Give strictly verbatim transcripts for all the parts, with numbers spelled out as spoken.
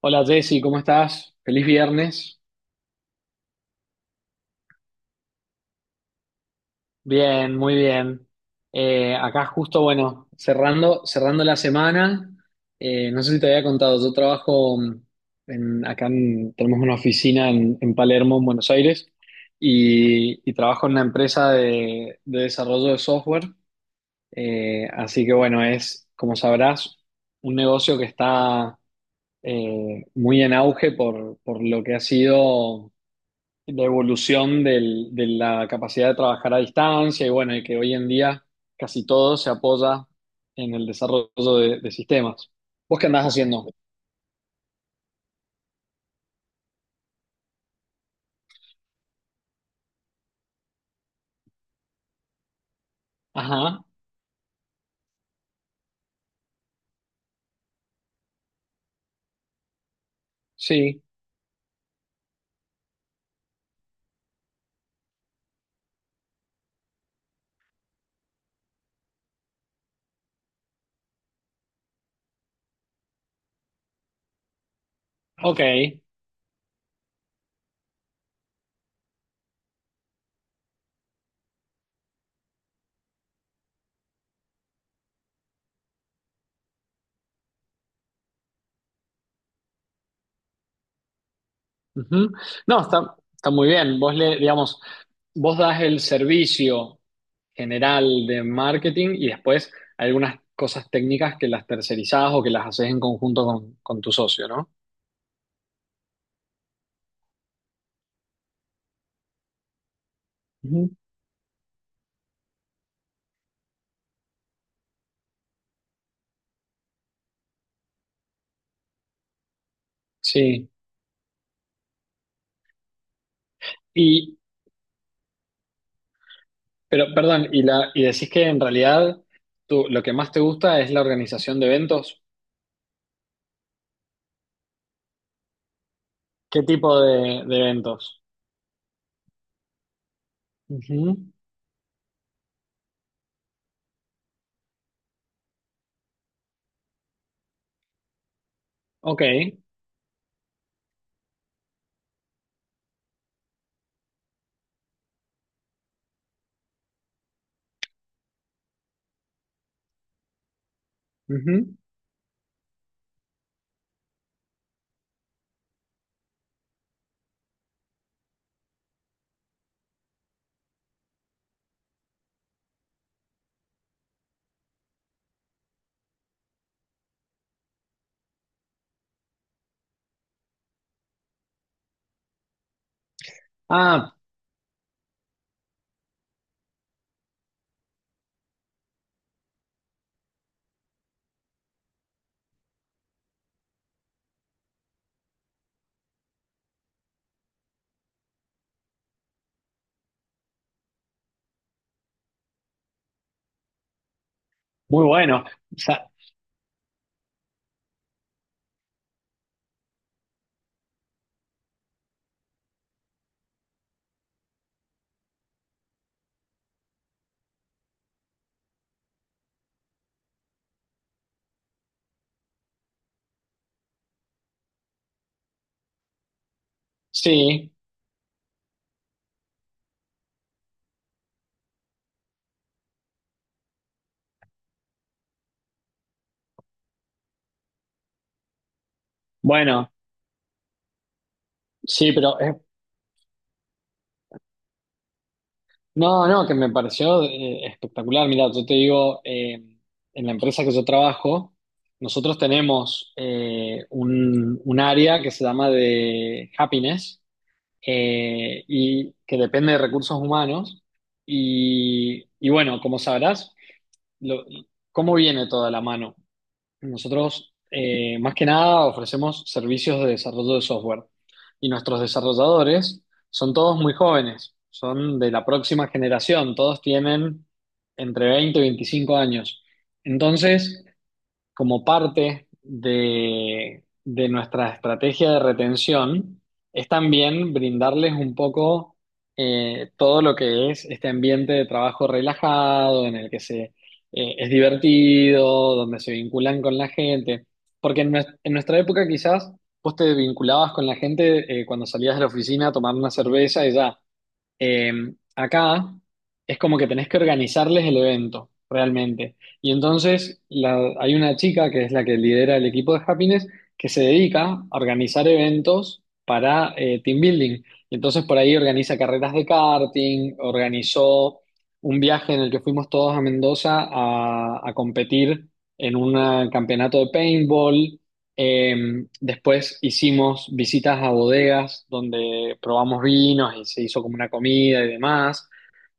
Hola Jessy, ¿cómo estás? Feliz viernes. Bien, muy bien. Eh, acá justo, bueno, cerrando, cerrando la semana. Eh, no sé si te había contado, yo trabajo mm, en, acá en- tenemos una oficina en, en Palermo, en Buenos Aires, y, y trabajo en una empresa de, de desarrollo de software. Eh, así que bueno, es, como sabrás, un negocio que está eh, muy en auge por, por lo que ha sido. La evolución del- de la capacidad de trabajar a distancia y bueno, y que hoy en día casi todo se apoya en el desarrollo de, de sistemas. ¿Vos qué andás haciendo? Ajá, sí, ok. Ujú. No, está, está muy bien. Vos le, digamos, vos das el servicio general de marketing y después hay algunas cosas técnicas que las tercerizás o que las haces en conjunto con, con tu socio, ¿no? Ujú. Sí. Y, pero, perdón, y, la, y decís que en realidad tú, lo que más te gusta es la organización de eventos. ¿Qué tipo de, de eventos? Ujú, ok, ujú. Ah, muy bueno. O sea, sí, bueno, sí, pero eh, no, no, que me pareció eh, espectacular. Mira, yo te digo, eh, en la empresa que yo trabajo, nosotros tenemos eh, un, un área que se llama de happiness eh, y que depende de recursos humanos. Y, y bueno, como sabrás, lo- ¿cómo viene toda la mano? Nosotros, eh, más que nada, ofrecemos servicios de desarrollo de software y nuestros desarrolladores son todos muy jóvenes, son de la próxima generación, todos tienen entre veinte y veinticinco años. Entonces, como parte de, de nuestra estrategia de retención es también brindarles un poco eh, todo lo que es este ambiente de trabajo relajado, en el que se, eh, es divertido, donde se vinculan con la gente. Porque en, nues- en nuestra época quizás vos te vinculabas con la gente eh, cuando salías de la oficina a tomar una cerveza y ya. Eh, Acá es como que tenés que organizarles el evento, realmente. Y entonces la- hay una chica que es la que lidera el equipo de Happiness que se dedica a organizar eventos para eh, team building. Y entonces por ahí organiza carreras de karting, organizó un viaje en el que fuimos todos a Mendoza a, a competir en un campeonato de paintball. Eh, Después hicimos visitas a bodegas donde probamos vinos y se hizo como una comida y demás.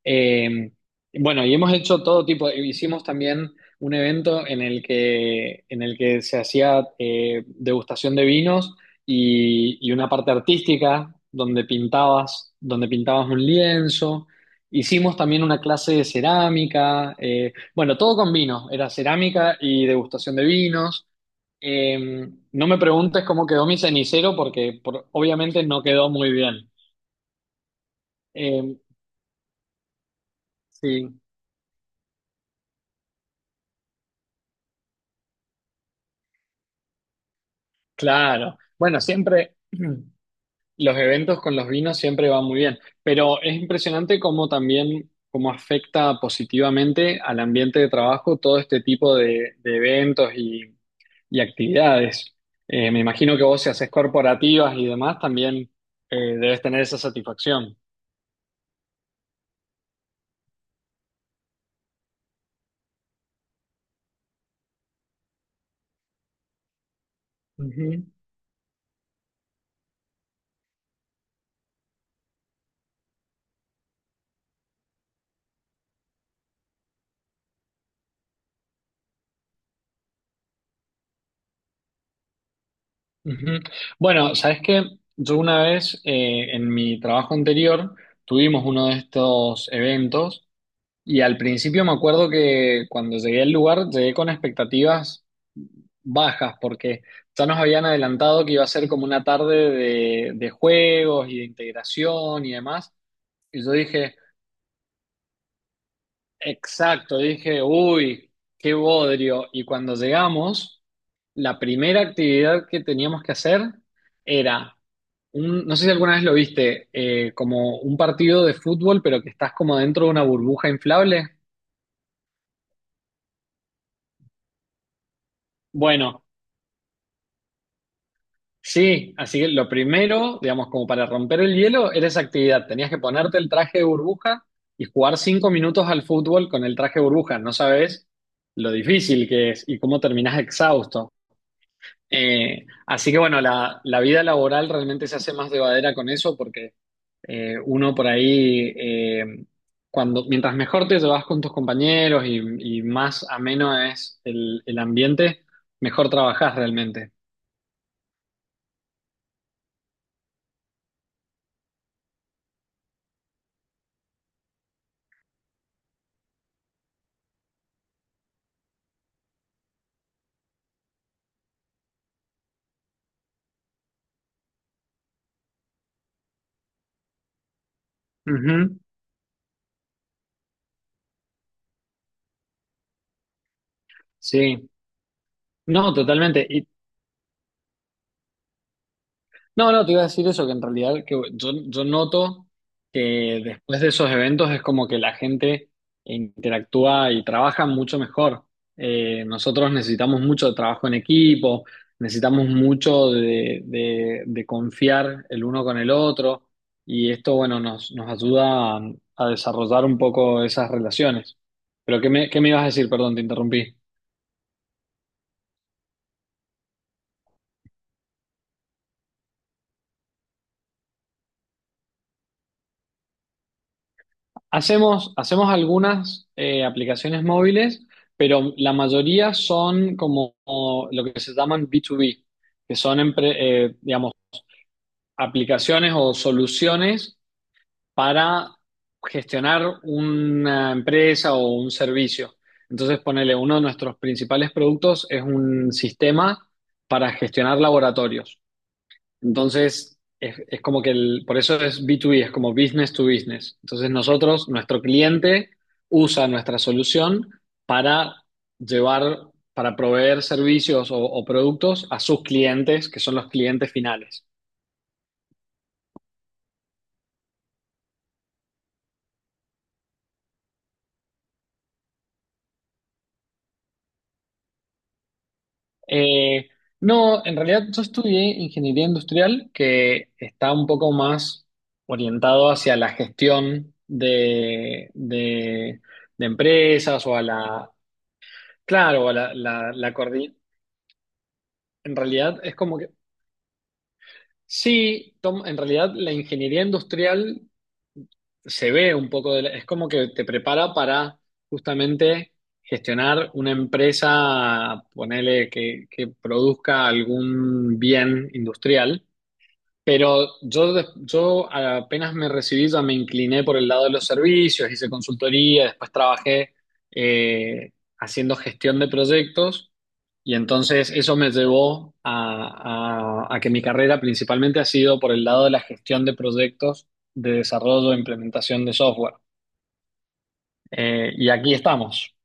Eh, bueno, y hemos hecho todo tipo, hicimos también un evento en el que, en el que se hacía eh, degustación de vinos y, y una parte artística donde pintabas, donde pintabas un lienzo. Hicimos también una clase de cerámica, eh, bueno, todo con vinos, era cerámica y degustación de vinos. Eh, no me preguntes cómo quedó mi cenicero porque por- obviamente no quedó muy bien. Eh, sí, claro. Bueno, siempre los eventos con los vinos siempre van muy bien, pero es impresionante cómo también cómo afecta positivamente al ambiente de trabajo todo este tipo de, de eventos y, y actividades. Eh, me imagino que vos si haces corporativas y demás también eh, debes tener esa satisfacción. Ujú. Ujú. Bueno, sabes que yo una vez eh, en mi trabajo anterior tuvimos uno de estos eventos y al principio me acuerdo que cuando llegué al lugar llegué con expectativas bajas porque ya nos habían adelantado que iba a ser como una tarde de, de juegos y de integración y demás. Y yo dije, exacto, dije, uy, qué bodrio. Y cuando llegamos, la primera actividad que teníamos que hacer era un- no sé si alguna vez lo viste, eh, como un partido de fútbol, pero que estás como dentro de una burbuja inflable. Bueno, sí, así que lo primero, digamos, como para romper el hielo, era esa actividad. Tenías que ponerte el traje de burbuja y jugar cinco minutos al fútbol con el traje de burbuja. No sabes lo difícil que es y cómo terminás exhausto. Eh, así que bueno, la, la vida laboral realmente se hace más llevadera con eso porque Eh, uno por ahí, eh, cuando, mientras mejor te llevas con tus compañeros y, y más ameno es el, el ambiente, mejor trabajas realmente. Ujú, sí, no, totalmente. Y no, no, te iba a decir eso, que en realidad que yo, yo noto que después de esos eventos es como que la gente interactúa y trabaja mucho mejor. Eh, nosotros necesitamos mucho de trabajo en equipo, necesitamos mucho de, de- de confiar el uno con el otro y esto, bueno, nos, nos ayuda a, a desarrollar un poco esas relaciones. Pero ¿qué me, qué me ibas a decir? Perdón, te interrumpí. Hacemos, hacemos algunas eh, aplicaciones móviles, pero la mayoría son como como lo que se llaman B dos B, que son, empre- eh, digamos, aplicaciones o soluciones para gestionar una empresa o un servicio. Entonces, ponele, uno de nuestros principales productos es un sistema para gestionar laboratorios. Entonces, es, es como que el, por eso es B dos B, es como business to business. Entonces, nosotros, nuestro cliente usa nuestra solución para llevar, para proveer servicios o, o productos a sus clientes, que son los clientes finales. Eh, no, en realidad yo estudié ingeniería industrial, que está un poco más orientado hacia la gestión de, de- de empresas o a la, claro, a la, la, la coordinación. En realidad es como que, sí, Tom, en realidad la ingeniería industrial se ve un poco de la- es como que te prepara para justamente gestionar una empresa, ponele que, que produzca algún bien industrial, pero yo, des- yo apenas me recibí ya me incliné por el lado de los servicios, hice consultoría, después trabajé eh, haciendo gestión de proyectos y entonces eso me llevó a, a- a que mi carrera principalmente ha sido por el lado de la gestión de proyectos de desarrollo e implementación de software. Eh, y aquí estamos.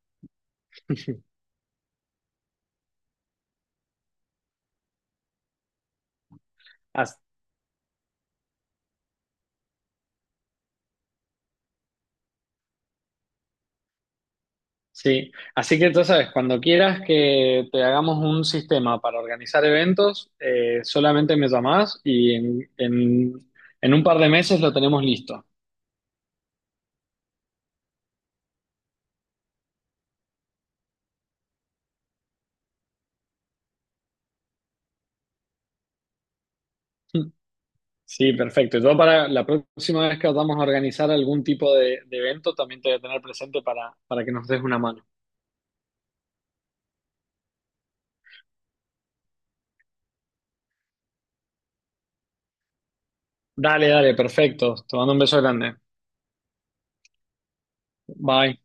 As- sí. Así que tú sabes, cuando quieras que te hagamos un sistema para organizar eventos, eh, solamente me llamás y en, en- en un par de meses lo tenemos listo. Sí, perfecto. Yo para la próxima vez que vamos a organizar algún tipo de, de evento, también te voy a tener presente para, para que nos des una mano. Dale, dale, perfecto. Te mando un beso grande. Bye.